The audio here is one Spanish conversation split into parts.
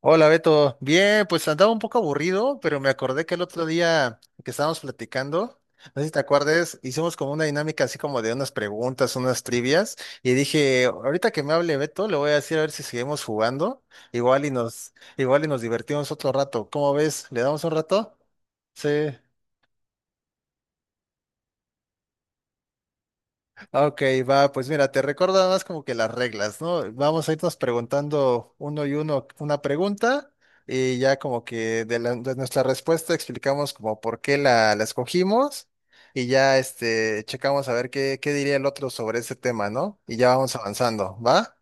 Hola Beto, bien, pues andaba un poco aburrido, pero me acordé que el otro día que estábamos platicando, no sé si te acuerdes, hicimos como una dinámica así como de unas preguntas, unas trivias, y dije, ahorita que me hable Beto, le voy a decir a ver si seguimos jugando, igual y nos divertimos otro rato. ¿Cómo ves? ¿Le damos un rato? Sí. Ok, va, pues mira, te recuerdo nada más como que las reglas, ¿no? Vamos a irnos preguntando uno y uno una pregunta y ya como que de, de nuestra respuesta explicamos como por qué la escogimos y ya este, checamos a ver qué, qué diría el otro sobre ese tema, ¿no? Y ya vamos avanzando, ¿va?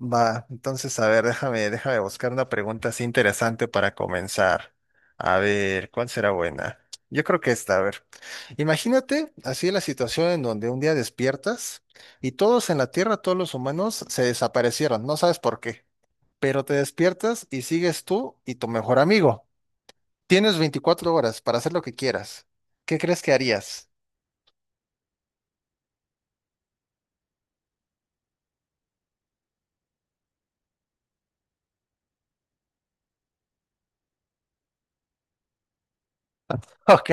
Va, entonces, a ver, déjame buscar una pregunta así interesante para comenzar. A ver, ¿cuál será buena? Yo creo que esta, a ver. Imagínate así la situación en donde un día despiertas y todos en la Tierra, todos los humanos, se desaparecieron, no sabes por qué, pero te despiertas y sigues tú y tu mejor amigo. Tienes 24 horas para hacer lo que quieras. ¿Qué crees que harías? Ok.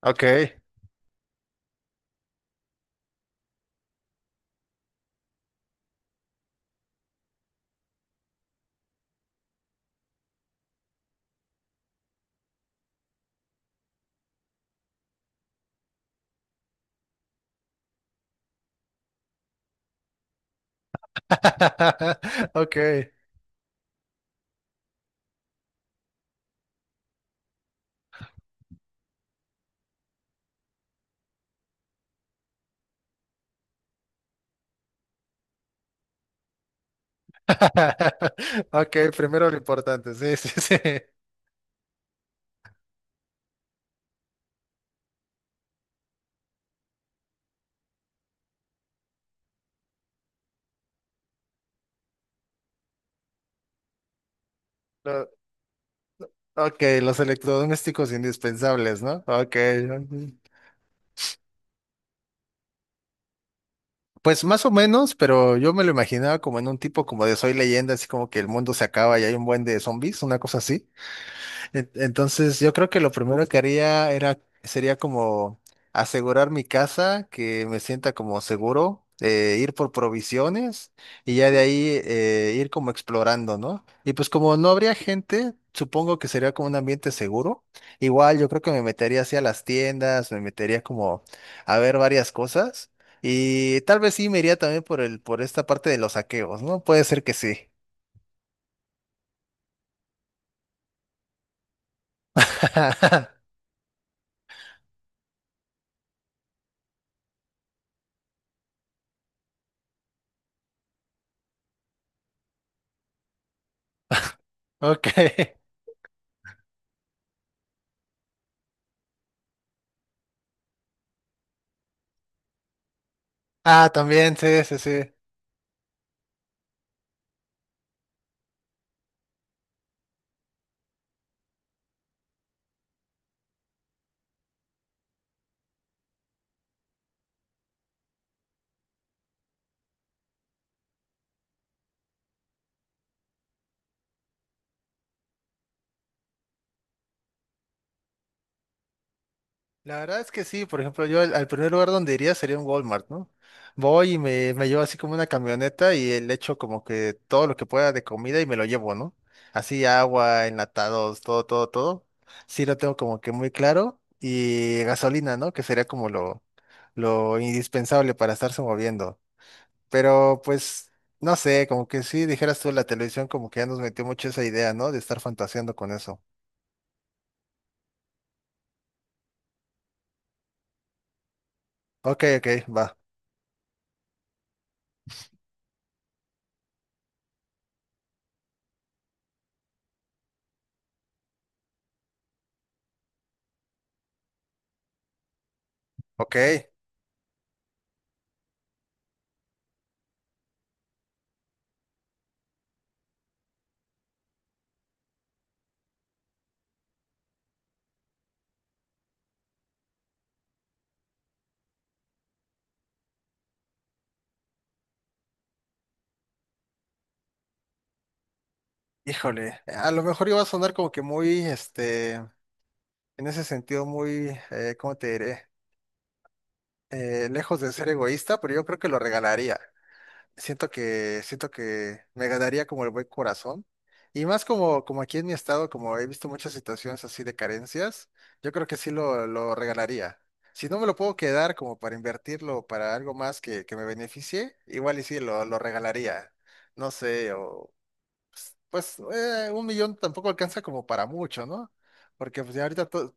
Ok. Ok. Ok, primero lo importante, sí, sí, sí. Lo- ok, los electrodomésticos indispensables, ¿no? Ok. Pues más o menos, pero yo me lo imaginaba como en un tipo como de Soy Leyenda, así como que el mundo se acaba y hay un buen de zombies, una cosa así. Entonces, yo creo que lo primero que haría sería como asegurar mi casa, que me sienta como seguro, ir por provisiones y ya de ahí, ir como explorando, ¿no? Y pues como no habría gente, supongo que sería como un ambiente seguro. Igual yo creo que me metería así a las tiendas, me metería como a ver varias cosas y tal vez sí me iría también por por esta parte de los saqueos, ¿no? Puede ser que sí. Ok. Ah, también, sí, sí, sí. La verdad es que sí, por ejemplo, yo al primer lugar donde iría sería un Walmart, ¿no? Voy y me llevo así como una camioneta y le echo como que todo lo que pueda de comida y me lo llevo, ¿no? Así agua, enlatados, todo, todo, todo. Sí lo tengo como que muy claro. Y gasolina, ¿no? Que sería como lo indispensable para estarse moviendo. Pero pues, no sé, como que sí, dijeras tú, la televisión como que ya nos metió mucho esa idea, ¿no? De estar fantaseando con eso. Ok, ok, va. Ok. Híjole, a lo mejor iba a sonar como que muy, este, en ese sentido, muy, ¿cómo te diré? Lejos de ser egoísta, pero yo creo que lo regalaría. Siento que me ganaría como el buen corazón. Y más como, como aquí en mi estado, como he visto muchas situaciones así de carencias, yo creo que sí lo regalaría. Si no me lo puedo quedar como para invertirlo para algo más que me beneficie, igual y sí lo regalaría. No sé, o pues, un millón tampoco alcanza como para mucho, ¿no? Porque pues ya ahorita todo,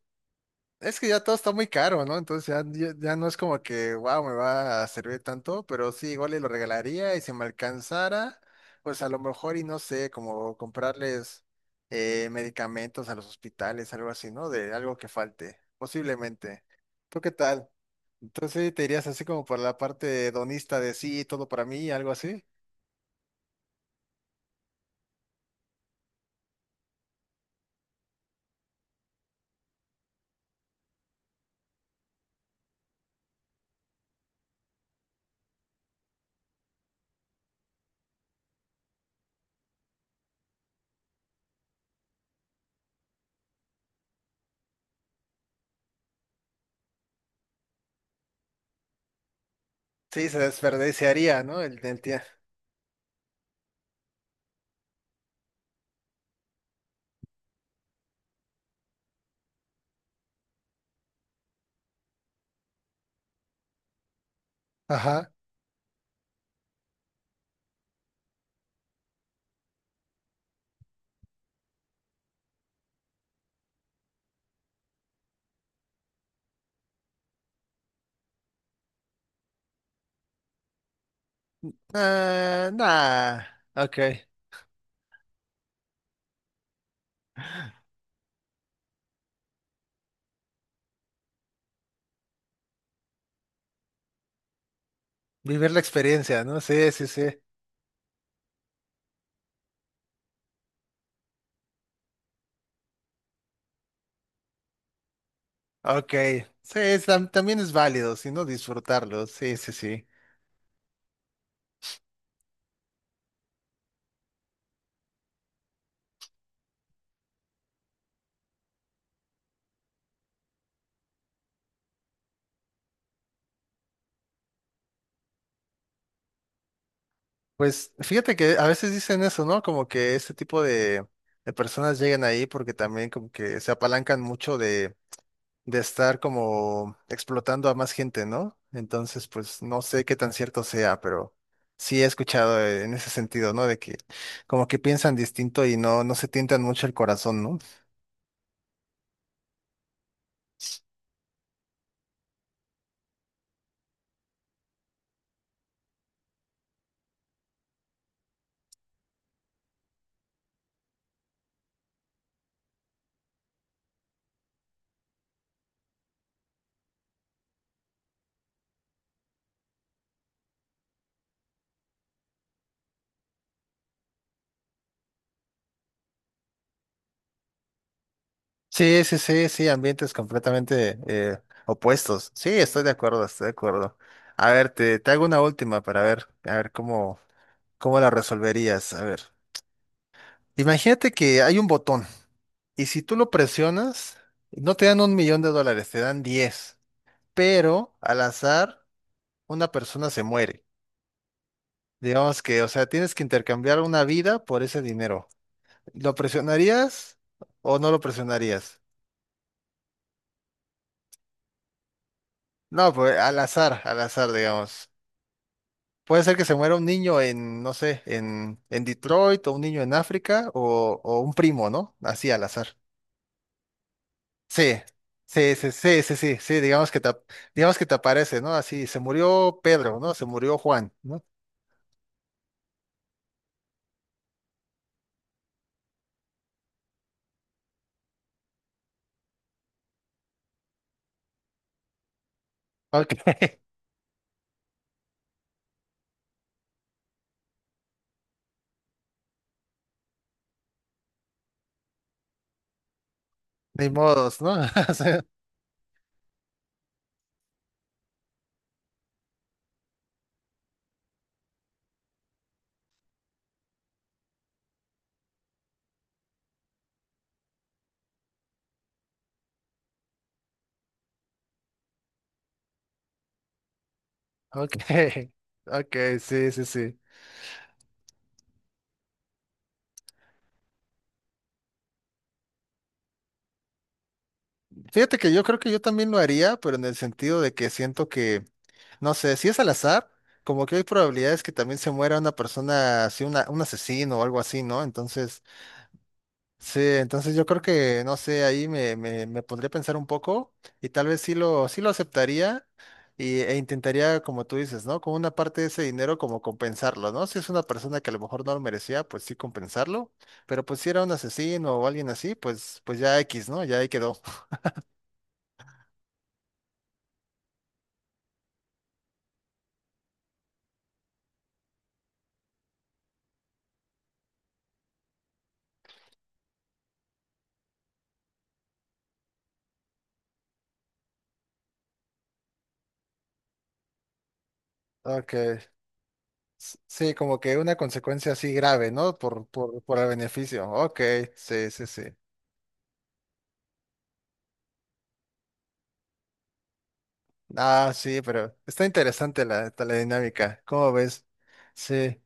es que ya todo está muy caro, ¿no? Entonces ya no es como que, wow, me va a servir tanto, pero sí, igual y lo regalaría y si me alcanzara, pues a lo mejor y no sé, como comprarles, medicamentos a los hospitales, algo así, ¿no? De algo que falte, posiblemente. ¿Tú qué tal? Entonces sí, te irías así como por la parte donista de sí, todo para mí, algo así. Sí, se desperdiciaría, ¿no? El día. Ah, nah. Ok. Vivir la experiencia, ¿no? Sí, sí, sí. Ok. Sí, también es válido, si no disfrutarlo. Sí, sí, sí. Pues fíjate que a veces dicen eso, ¿no? Como que este tipo de personas llegan ahí porque también como que se apalancan mucho de estar como explotando a más gente, ¿no? Entonces, pues no sé qué tan cierto sea, pero sí he escuchado, en ese sentido, ¿no? De que como que piensan distinto y no, no se tientan mucho el corazón, ¿no? Sí, sí, sí, sí, ambientes completamente, opuestos. Sí, estoy de acuerdo, estoy de acuerdo. A ver, te hago una última para ver, a ver cómo, cómo la resolverías. A ver, imagínate que hay un botón y si tú lo presionas, no te dan un millón de dólares, te dan 10, pero al azar una persona se muere. Digamos que, o sea, tienes que intercambiar una vida por ese dinero. ¿Lo presionarías o no lo presionarías? No, pues al azar, digamos. Puede ser que se muera un niño en, no sé, en Detroit o un niño en África o un primo, ¿no? Así al azar. Sí, sí, sí, sí, sí, sí, sí, digamos que te aparece, ¿no? Así, se murió Pedro, ¿no? Se murió Juan, ¿no? Ok. Ni modos, ¿no? O sea, ok, ok, sí, sí, sí. Fíjate que yo creo que yo también lo haría, pero en el sentido de que siento que, no sé, si es al azar, como que hay probabilidades que también se muera una persona, así, una, un asesino o algo así, ¿no? Entonces... Sí, entonces yo creo que, no sé, ahí me pondría a pensar un poco y tal vez sí sí lo aceptaría e intentaría, como tú dices, ¿no? Con una parte de ese dinero como compensarlo, ¿no? Si es una persona que a lo mejor no lo merecía, pues sí compensarlo, pero pues si era un asesino o alguien así, pues, pues ya X, ¿no? Ya ahí quedó. Ok. Sí, como que una consecuencia así grave, ¿no? Por el beneficio. Ok, sí, sí, sí. Ah, sí, pero está interesante la dinámica. ¿Cómo ves? Sí.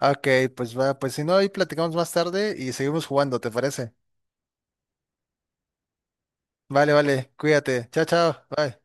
Ok, pues va, pues si no, ahí platicamos más tarde y seguimos jugando, ¿te parece? Vale, vale, cuídate. Chao, chao. Bye.